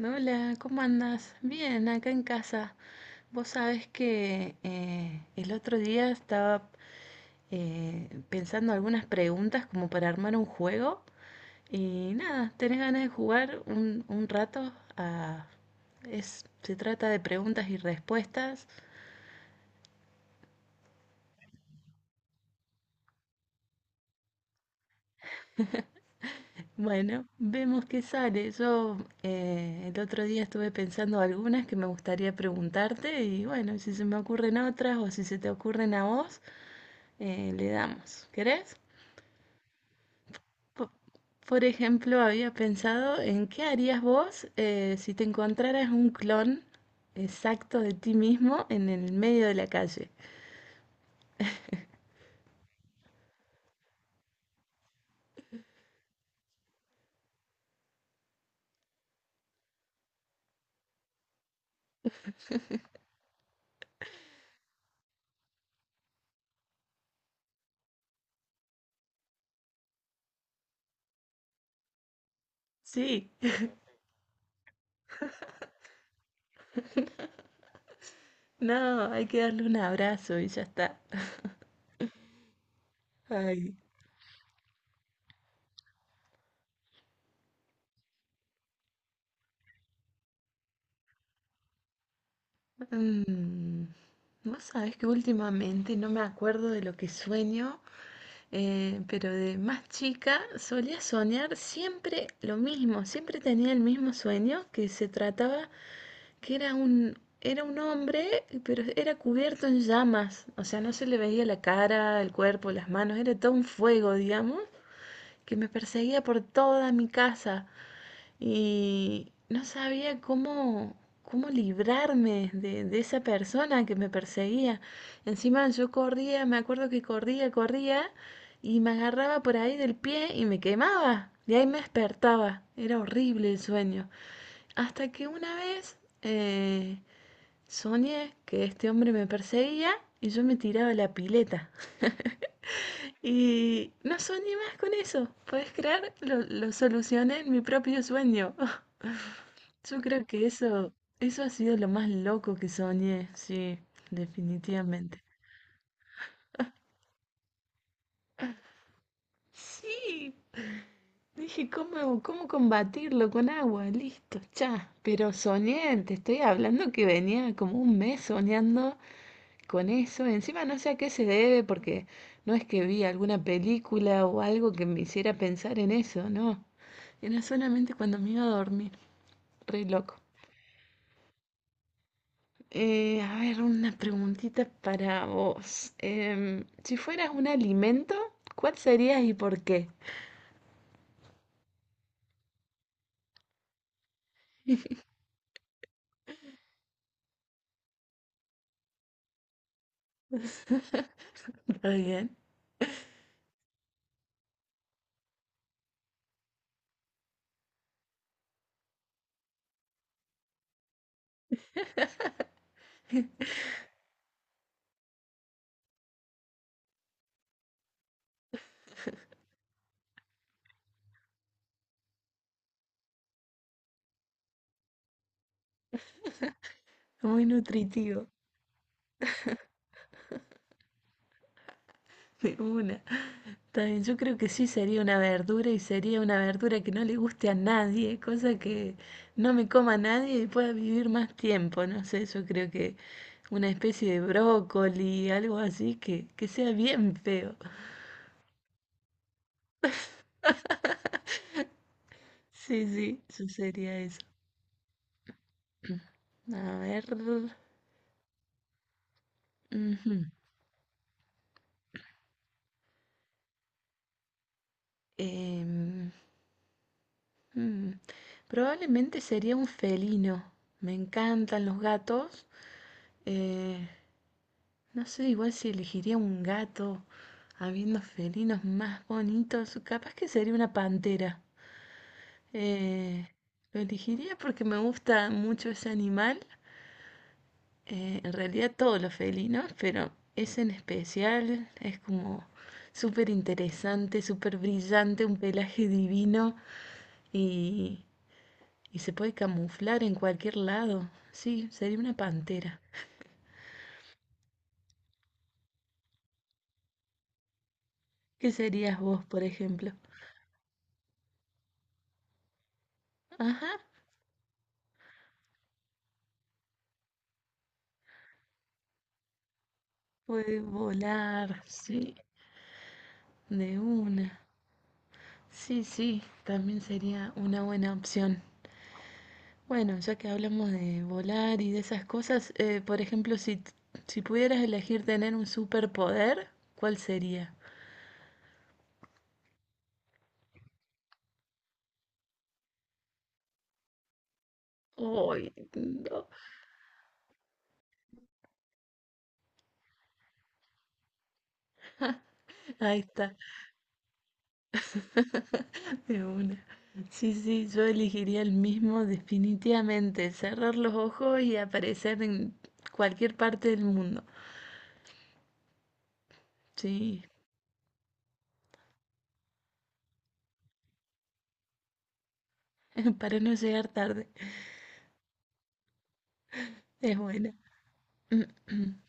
Hola, ¿cómo andas? Bien, acá en casa. Vos sabés que el otro día estaba pensando algunas preguntas como para armar un juego y nada, ¿tenés ganas de jugar un rato? Ah, se trata de preguntas y respuestas. Bueno, vemos qué sale. Yo el otro día estuve pensando algunas que me gustaría preguntarte y bueno, si se me ocurren otras o si se te ocurren a vos, le damos. ¿Querés? Po- Por ejemplo, había pensado en qué harías vos si te encontraras un clon exacto de ti mismo en el medio de la calle. Sí, no, hay que darle un abrazo y ya está. Ay. Mm, vos sabés que últimamente no me acuerdo de lo que sueño, pero de más chica solía soñar siempre lo mismo, siempre tenía el mismo sueño que se trataba que era era un hombre, pero era cubierto en llamas, o sea, no se le veía la cara, el cuerpo, las manos, era todo un fuego, digamos, que me perseguía por toda mi casa y no sabía cómo librarme de esa persona que me perseguía. Encima yo corría, me acuerdo que corría y me agarraba por ahí del pie y me quemaba. Y ahí me despertaba. Era horrible el sueño. Hasta que una vez soñé que este hombre me perseguía y yo me tiraba a la pileta. Y no soñé más con eso. ¿Puedes creer? Lo solucioné en mi propio sueño. Yo creo que eso ha sido lo más loco que soñé, sí, definitivamente. Sí, dije, ¿ cómo combatirlo con agua? Listo, ya. Pero soñé, te estoy hablando que venía como un mes soñando con eso. Encima no sé a qué se debe porque no es que vi alguna película o algo que me hiciera pensar en eso, no. Era solamente cuando me iba a dormir. Re loco. A ver, una preguntita para vos. Em, si fueras un alimento, ¿cuál serías y por qué? Está bien. Muy nutritivo. De una. Está bien, yo creo que sí sería una verdura y sería una verdura que no le guste a nadie, cosa que no me coma nadie y pueda vivir más tiempo. No sé, yo creo que una especie de brócoli, algo así que sea bien feo. Sí, sí, eso sería eso. A ver. Ujú, em, mm, probablemente sería un felino. Me encantan los gatos. eh, No sé, igual si elegiría un gato, habiendo felinos más bonitos, capaz que sería una pantera. Eh, lo elegiría porque me gusta mucho ese animal, en realidad todos los felinos, pero ese en especial es como súper interesante, súper brillante, un pelaje divino y, y se puede camuflar en cualquier lado. Sí, sería una pantera. ¿Qué serías vos, por ejemplo? Ajá. Puede volar, sí. De una. Sí, sí, también sería una buena opción. Bueno, ya que hablamos de volar y de esas cosas, por ejemplo, si pudieras elegir tener un superpoder, ¿cuál sería? Ay, no. Ahí está, de una. Sí, sí, yo elegiría el mismo definitivamente, cerrar los ojos y aparecer en cualquier parte del mundo. Sí, para no llegar tarde. Es buena.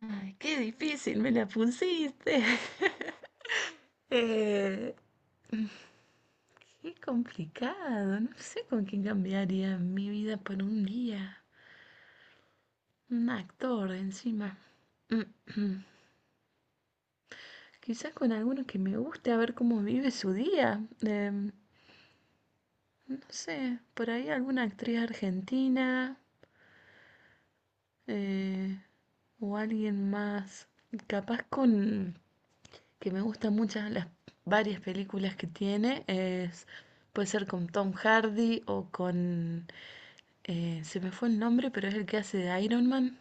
Ay, qué difícil me la pusiste. Eh, qué complicado. No sé con quién cambiaría mi vida por un día. Un actor encima. Quizás con alguno que me guste a ver cómo vive su día. Em, no sé, por ahí alguna actriz argentina eh, o alguien más. Capaz con que me gustan muchas las varias películas que tiene es puede ser con Tom Hardy o con se me fue el nombre pero es el que hace de Iron Man.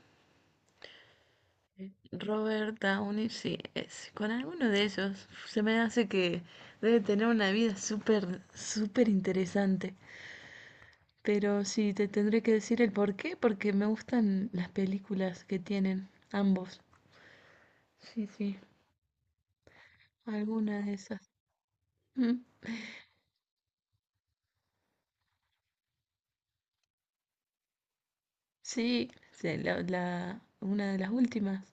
Robert Downey, sí, es con alguno de ellos, se me hace que debe tener una vida súper súper interesante, pero sí te tendré que decir el por qué porque me gustan las películas que tienen ambos. Sí, sí, alguna de esas. Mm, sí, una de las últimas.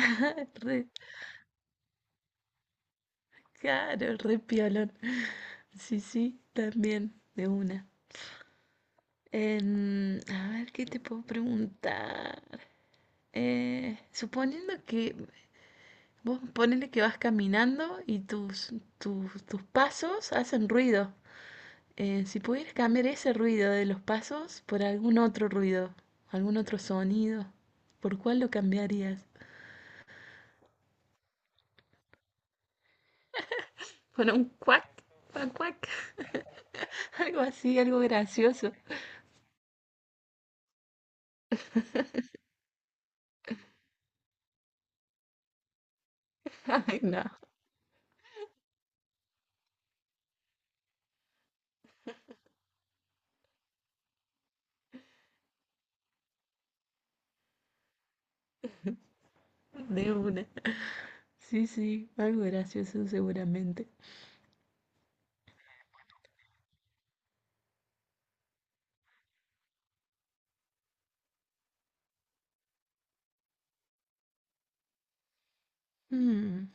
Re caro, re piolón. Sí, sí, también, de una. Em, a ver, ¿qué te puedo preguntar? Suponiendo que vos ponele que vas caminando y tus pasos hacen ruido. Si pudieras cambiar ese ruido de los pasos por algún otro ruido, algún otro sonido, ¿por cuál lo cambiarías? Por un cuac, cuac, cuac, algo así, algo gracioso. Ay, no, de una. Sí, sí, algo gracioso seguramente. Mm,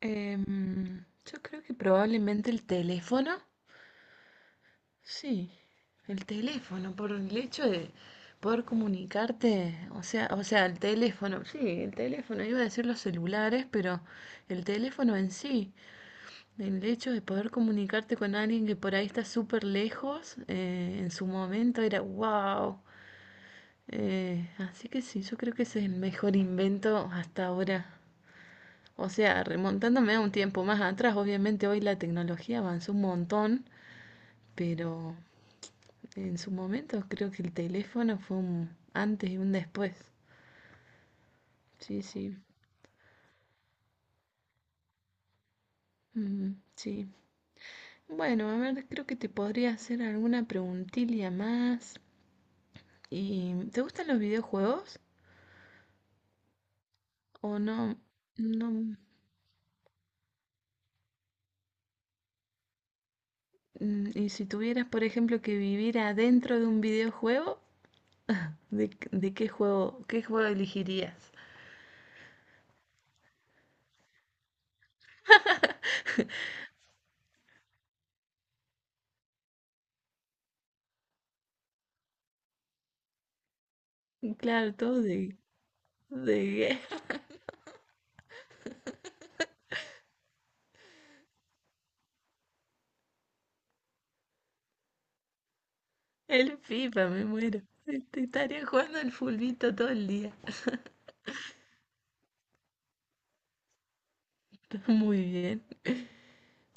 yo creo que probablemente el teléfono. Sí, el teléfono, por el hecho de poder comunicarte, o sea, el teléfono, sí, el teléfono, iba a decir los celulares, pero el teléfono en sí, el hecho de poder comunicarte con alguien que por ahí está súper lejos, en su momento era wow. Así que sí, yo creo que ese es el mejor invento hasta ahora. O sea, remontándome a un tiempo más atrás, obviamente hoy la tecnología avanzó un montón, pero en su momento creo que el teléfono fue un antes y un después. Sí, sí. Mm, sí. Bueno, a ver, creo que te podría hacer alguna preguntilla más. ¿Y te gustan los videojuegos o no? No. Mm, y si tuvieras, por ejemplo, que vivir adentro de un videojuego, ¿ de qué qué juego elegirías? Claro, todo de el FIFA, me muero. Estaría jugando al fulbito todo el día. Muy bien.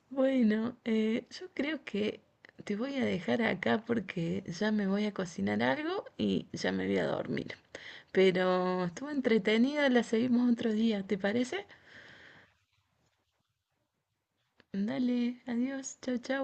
Bueno, yo creo que te voy a dejar acá porque ya me voy a cocinar algo y ya me voy a dormir. Pero estuvo entretenida, la seguimos otro día, ¿te parece? Dale, adiós, chau, chau.